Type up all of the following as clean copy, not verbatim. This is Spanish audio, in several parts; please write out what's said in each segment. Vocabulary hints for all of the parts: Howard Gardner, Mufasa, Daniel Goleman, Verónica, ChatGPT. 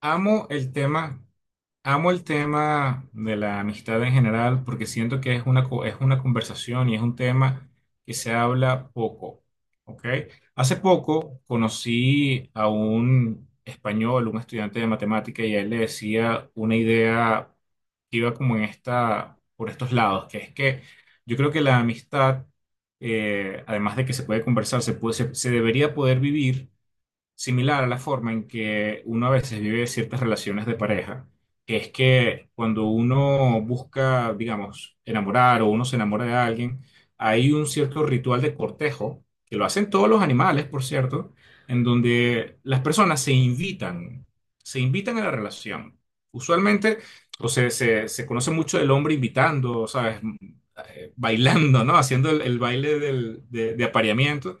Amo el tema, amo el tema de la amistad en general porque siento que es una conversación y es un tema que se habla poco, ¿ok? Hace poco conocí a un español, un estudiante de matemática y a él le decía una idea que iba como por estos lados, que es que yo creo que la amistad, además de que se puede conversar, se puede- se se debería poder vivir similar a la forma en que uno a veces vive ciertas relaciones de pareja, que es que cuando uno busca, digamos, enamorar o uno se enamora de alguien, hay un cierto ritual de cortejo, que lo hacen todos los animales, por cierto, en donde las personas se invitan a la relación. Usualmente, o sea, se conoce mucho el hombre invitando, ¿sabes? Bailando, ¿no? Haciendo el baile de apareamiento.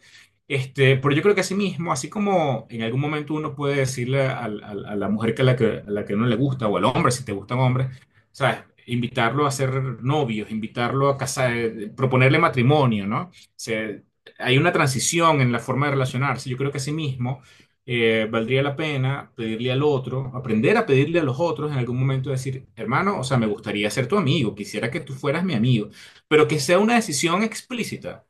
Este, pero yo creo que así mismo, así como en algún momento uno puede decirle la mujer a la que no le gusta, o al hombre, si te gustan hombres, ¿sabes? Invitarlo a ser novios, invitarlo a casar, proponerle matrimonio, ¿no? O sea, hay una transición en la forma de relacionarse. Yo creo que así mismo valdría la pena pedirle al otro, aprender a pedirle a los otros en algún momento, decir, hermano, o sea, me gustaría ser tu amigo, quisiera que tú fueras mi amigo, pero que sea una decisión explícita.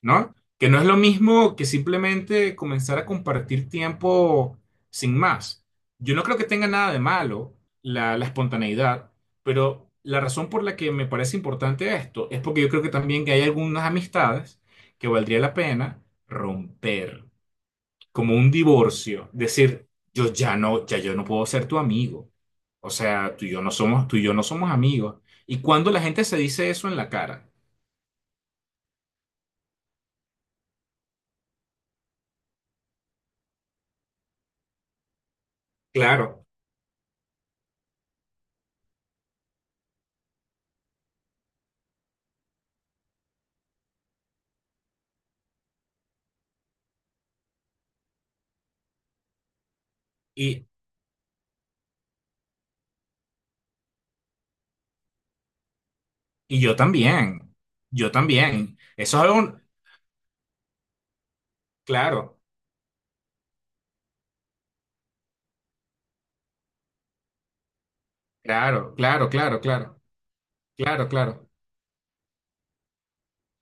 ¿No? Que no es lo mismo que simplemente comenzar a compartir tiempo sin más. Yo no creo que tenga nada de malo la espontaneidad, pero la razón por la que me parece importante esto es porque yo creo que también que hay algunas amistades que valdría la pena romper, como un divorcio, decir, yo ya no, ya yo no puedo ser tu amigo. O sea, tú y yo no somos amigos. ¿Y cuando la gente se dice eso en la cara? Claro. Y Y yo también, yo también. Eso es algo, claro, claro, claro, claro, claro, claro, claro.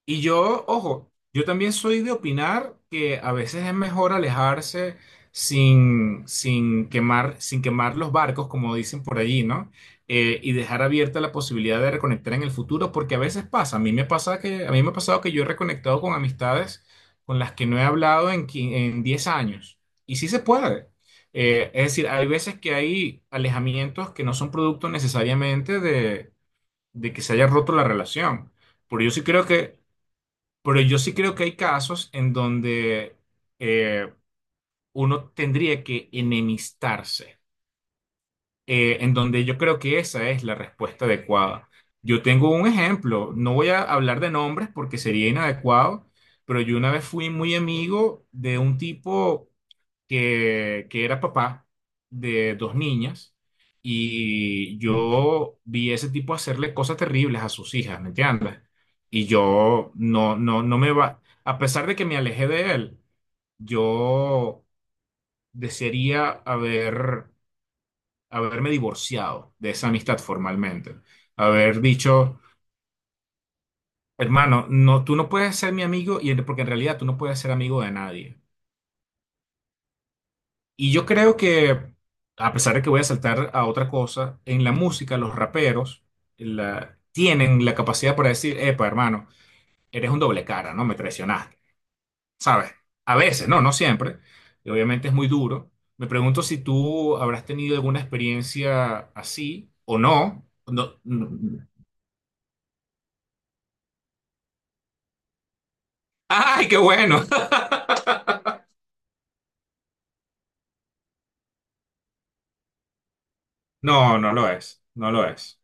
Y yo, ojo, yo también soy de opinar que a veces es mejor alejarse sin quemar, sin quemar los barcos, como dicen por allí, ¿no? Y dejar abierta la posibilidad de reconectar en el futuro, porque a veces pasa. A mí me ha pasado que yo he reconectado con amistades con las que no he hablado en 10 años. Y sí se puede. Es decir, hay veces que hay alejamientos que no son producto necesariamente de que se haya roto la relación. Pero yo sí creo que pero yo sí creo que hay casos en donde eh, uno tendría que enemistarse, en donde yo creo que esa es la respuesta adecuada. Yo tengo un ejemplo, no voy a hablar de nombres porque sería inadecuado, pero yo una vez fui muy amigo de un tipo que era papá de dos niñas y yo vi ese tipo hacerle cosas terribles a sus hijas, ¿me entiendes? Y yo no, no, no me va, a pesar de que me alejé de él, yo desearía haberme divorciado de esa amistad formalmente, haber dicho, hermano, no, tú no puedes ser mi amigo y porque en realidad tú no puedes ser amigo de nadie. Y yo creo que, a pesar de que voy a saltar a otra cosa, en la música los raperos tienen la capacidad para decir, epa, hermano, eres un doble cara, ¿no? Me traicionaste, ¿sabes? A veces, no, no siempre. Y obviamente es muy duro. Me pregunto si tú habrás tenido alguna experiencia así o no. No, no. No. ¡Ay, qué bueno! No, no lo es, no lo es.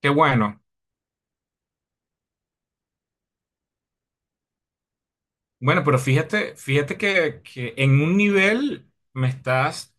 Qué bueno. Bueno, pero fíjate, fíjate que en un nivel me estás,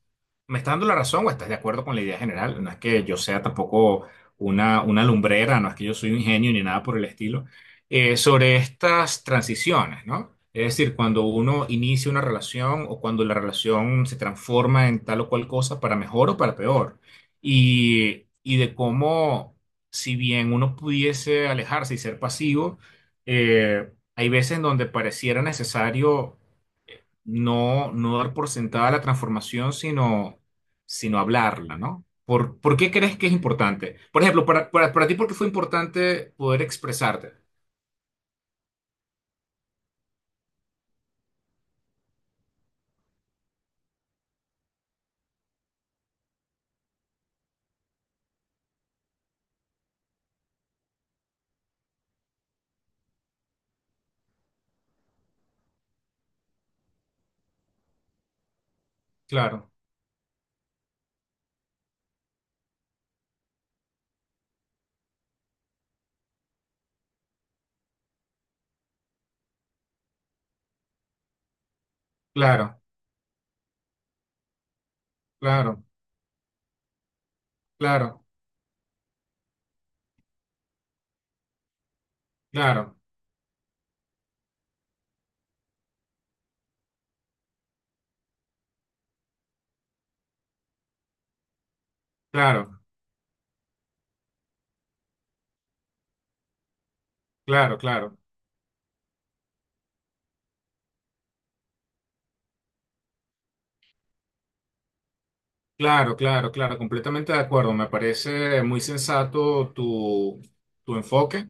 me estás dando la razón o estás de acuerdo con la idea general. No es que yo sea tampoco una lumbrera, no es que yo soy un genio ni nada por el estilo, sobre estas transiciones, ¿no? Es decir, cuando uno inicia una relación o cuando la relación se transforma en tal o cual cosa para mejor o para peor. Y de cómo, si bien uno pudiese alejarse y ser pasivo, eh, hay veces en donde pareciera necesario no dar por sentada la transformación, sino hablarla, ¿no? ¿Por qué crees que es importante? Por ejemplo, para ti, ¿por qué fue importante poder expresarte? Claro, claro, claro, claro, claro, claro, claro, claro, claro. Claro, claro, claro, completamente de acuerdo. Me parece muy sensato tu enfoque.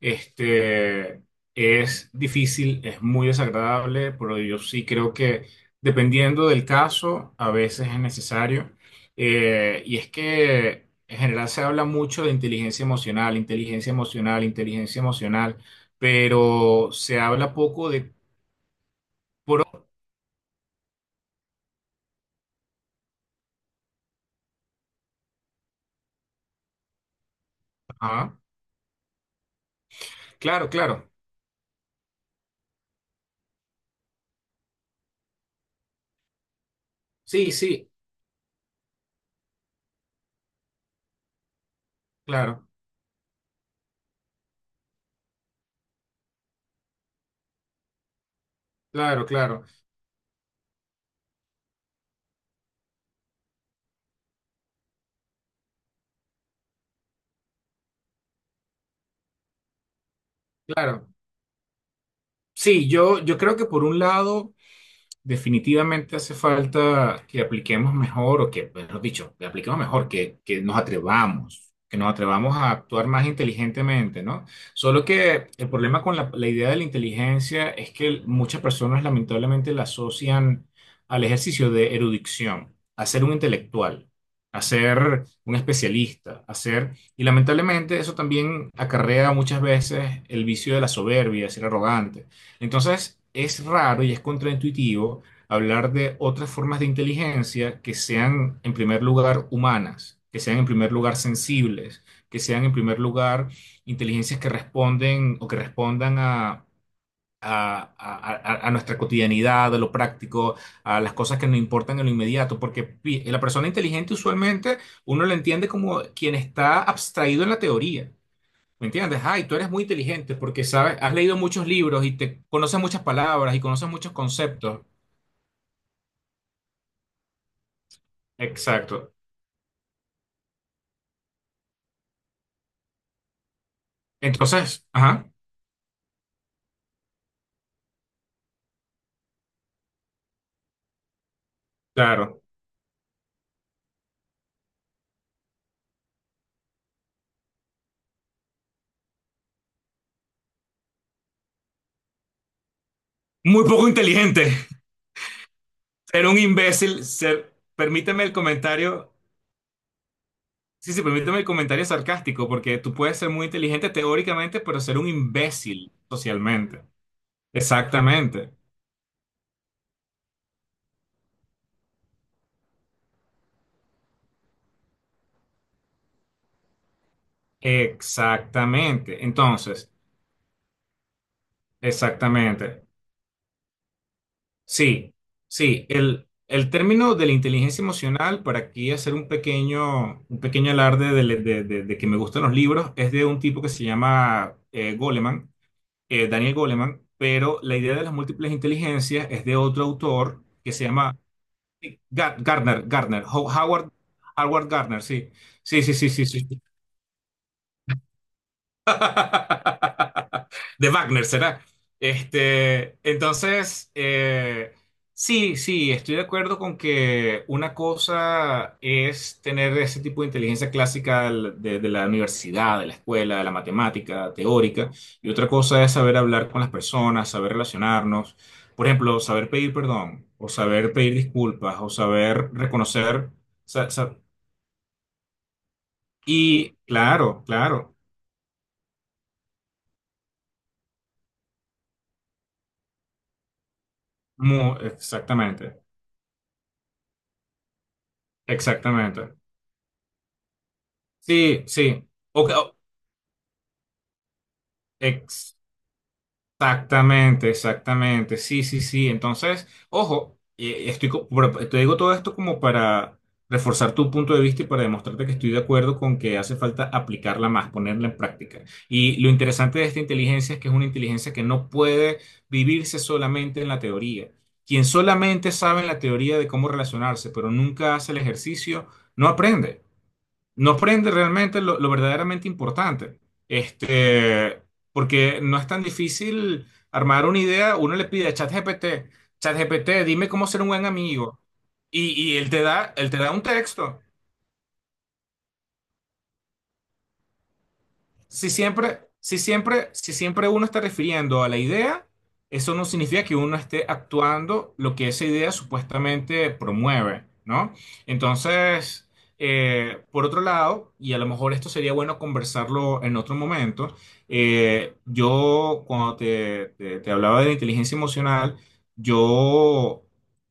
Este es difícil, es muy desagradable, pero yo sí creo que dependiendo del caso, a veces es necesario. Y es que en general se habla mucho de inteligencia emocional, inteligencia emocional, inteligencia emocional, pero se habla poco de pro. Ajá. Claro, claro. Sí, sí, claro, claro, claro, claro. Sí, yo creo que por un lado, definitivamente hace falta que apliquemos mejor, o que, mejor dicho, que apliquemos mejor, que nos atrevamos a actuar más inteligentemente, ¿no? Solo que el problema con la idea de la inteligencia es que muchas personas lamentablemente la asocian al ejercicio de erudición, a ser un intelectual, a ser un especialista, a ser... Y lamentablemente eso también acarrea muchas veces el vicio de la soberbia, de ser arrogante. Entonces, es raro y es contraintuitivo hablar de otras formas de inteligencia que sean, en primer lugar, humanas, que sean, en primer lugar, sensibles, que sean, en primer lugar, inteligencias que responden o que respondan a nuestra cotidianidad, a lo práctico, a las cosas que nos importan en lo inmediato, porque la persona inteligente usualmente uno la entiende como quien está abstraído en la teoría. ¿Me entiendes? Ay, tú eres muy inteligente porque sabes, has leído muchos libros y te conoces muchas palabras y conoces muchos conceptos. Exacto. Entonces, ajá, claro. Muy poco inteligente. Ser un imbécil, ser, permíteme el comentario, sí, sí, permíteme el comentario sarcástico, porque tú puedes ser muy inteligente teóricamente, pero ser un imbécil socialmente. Exactamente. Exactamente. Entonces, exactamente. Sí, sí, el término de la inteligencia emocional, para aquí hacer un pequeño alarde de, le- de que me gustan los libros, es de un tipo que se llama Goleman, Daniel Goleman, pero la idea de las múltiples inteligencias es de otro autor que se llama Ga- Gardner, Gardner, Ho- Howard, Howard Gardner, sí, sí, sí, sí, sí, sí, sí. De Wagner, ¿será? Este, entonces, sí, sí, estoy de acuerdo con que una cosa es tener ese tipo de inteligencia clásica de la universidad, de la escuela, de la matemática teórica, y otra cosa es saber hablar con las personas, saber relacionarnos, por ejemplo, saber pedir perdón, o saber pedir disculpas, o saber reconocer, sa- sa- y claro, claro, exactamente, exactamente. Sí, sí. Ok, oh, exactamente, exactamente. Sí, sí, sí. Entonces, ojo, pero te digo todo esto como para reforzar tu punto de vista y para demostrarte que estoy de acuerdo con que hace falta aplicarla más, ponerla en práctica. Y lo interesante de esta inteligencia es que es una inteligencia que no puede vivirse solamente en la teoría. Quien solamente sabe en la teoría de cómo relacionarse, pero nunca hace el ejercicio, no aprende. No prende realmente lo verdaderamente importante. Este, porque no es tan difícil armar una idea. Uno le pide a ChatGPT, ChatGPT, dime cómo ser un buen amigo. Y él te da un texto. Si siempre uno está refiriendo a la idea, eso no significa que uno esté actuando lo que esa idea supuestamente promueve, ¿no? Entonces, por otro lado, y a lo mejor esto sería bueno conversarlo en otro momento, yo cuando te hablaba de la inteligencia emocional, yo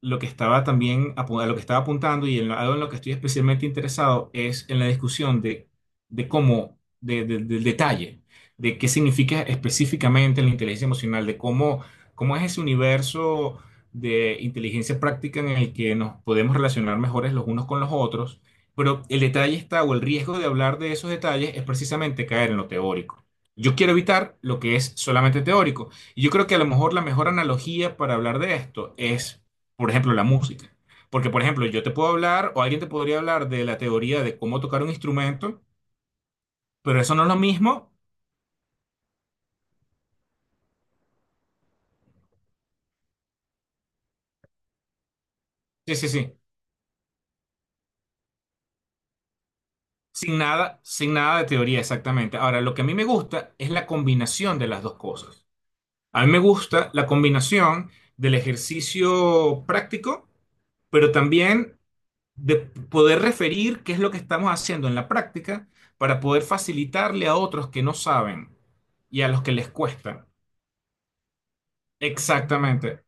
lo que estaba también, a lo que estaba apuntando y algo en lo que estoy especialmente interesado es en la discusión de cómo de- del detalle, de qué significa específicamente la inteligencia emocional, cómo es ese universo de inteligencia práctica en el que nos podemos relacionar mejores los unos con los otros, pero el detalle está, o el riesgo de hablar de esos detalles es precisamente caer en lo teórico. Yo quiero evitar lo que es solamente teórico. Y yo creo que a lo mejor la mejor analogía para hablar de esto es, por ejemplo, la música. Porque, por ejemplo, yo te puedo hablar o alguien te podría hablar de la teoría de cómo tocar un instrumento, pero eso no es lo mismo. Sí, sí, sí. Sin nada, sin nada de teoría, exactamente. Ahora, lo que a mí me gusta es la combinación de las dos cosas. A mí me gusta la combinación del ejercicio práctico, pero también de poder referir qué es lo que estamos haciendo en la práctica para poder facilitarle a otros que no saben y a los que les cuesta. Exactamente.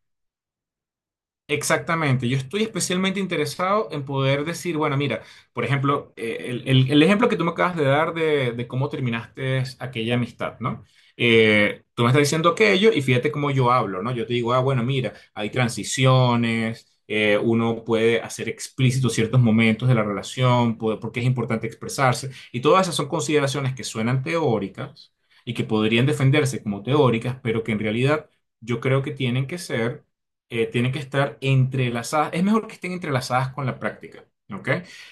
Exactamente, yo estoy especialmente interesado en poder decir, bueno, mira, por ejemplo, el ejemplo que tú me acabas de dar de cómo terminaste aquella amistad, ¿no? Tú me estás diciendo aquello y fíjate cómo yo hablo, ¿no? Yo te digo, ah, bueno, mira, hay transiciones, uno puede hacer explícitos ciertos momentos de la relación, porque es importante expresarse, y todas esas son consideraciones que suenan teóricas y que podrían defenderse como teóricas, pero que en realidad yo creo que tienen que estar entrelazadas. Es mejor que estén entrelazadas con la práctica, ¿ok?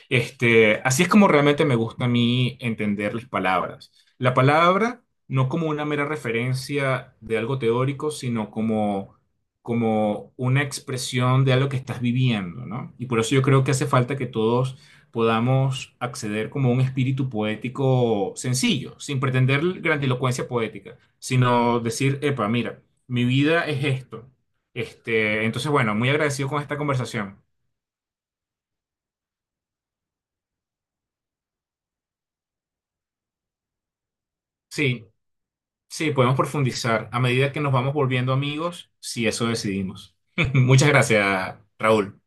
Este, así es como realmente me gusta a mí entender las palabras. La palabra no como una mera referencia de algo teórico, sino como, como una expresión de algo que estás viviendo, ¿no? Y por eso yo creo que hace falta que todos podamos acceder como a un espíritu poético sencillo, sin pretender grandilocuencia poética, sino decir, epa, mira, mi vida es esto. Este, entonces, bueno, muy agradecido con esta conversación. Sí, sí, podemos profundizar a medida que nos vamos volviendo amigos, si eso decidimos. Muchas gracias, Raúl.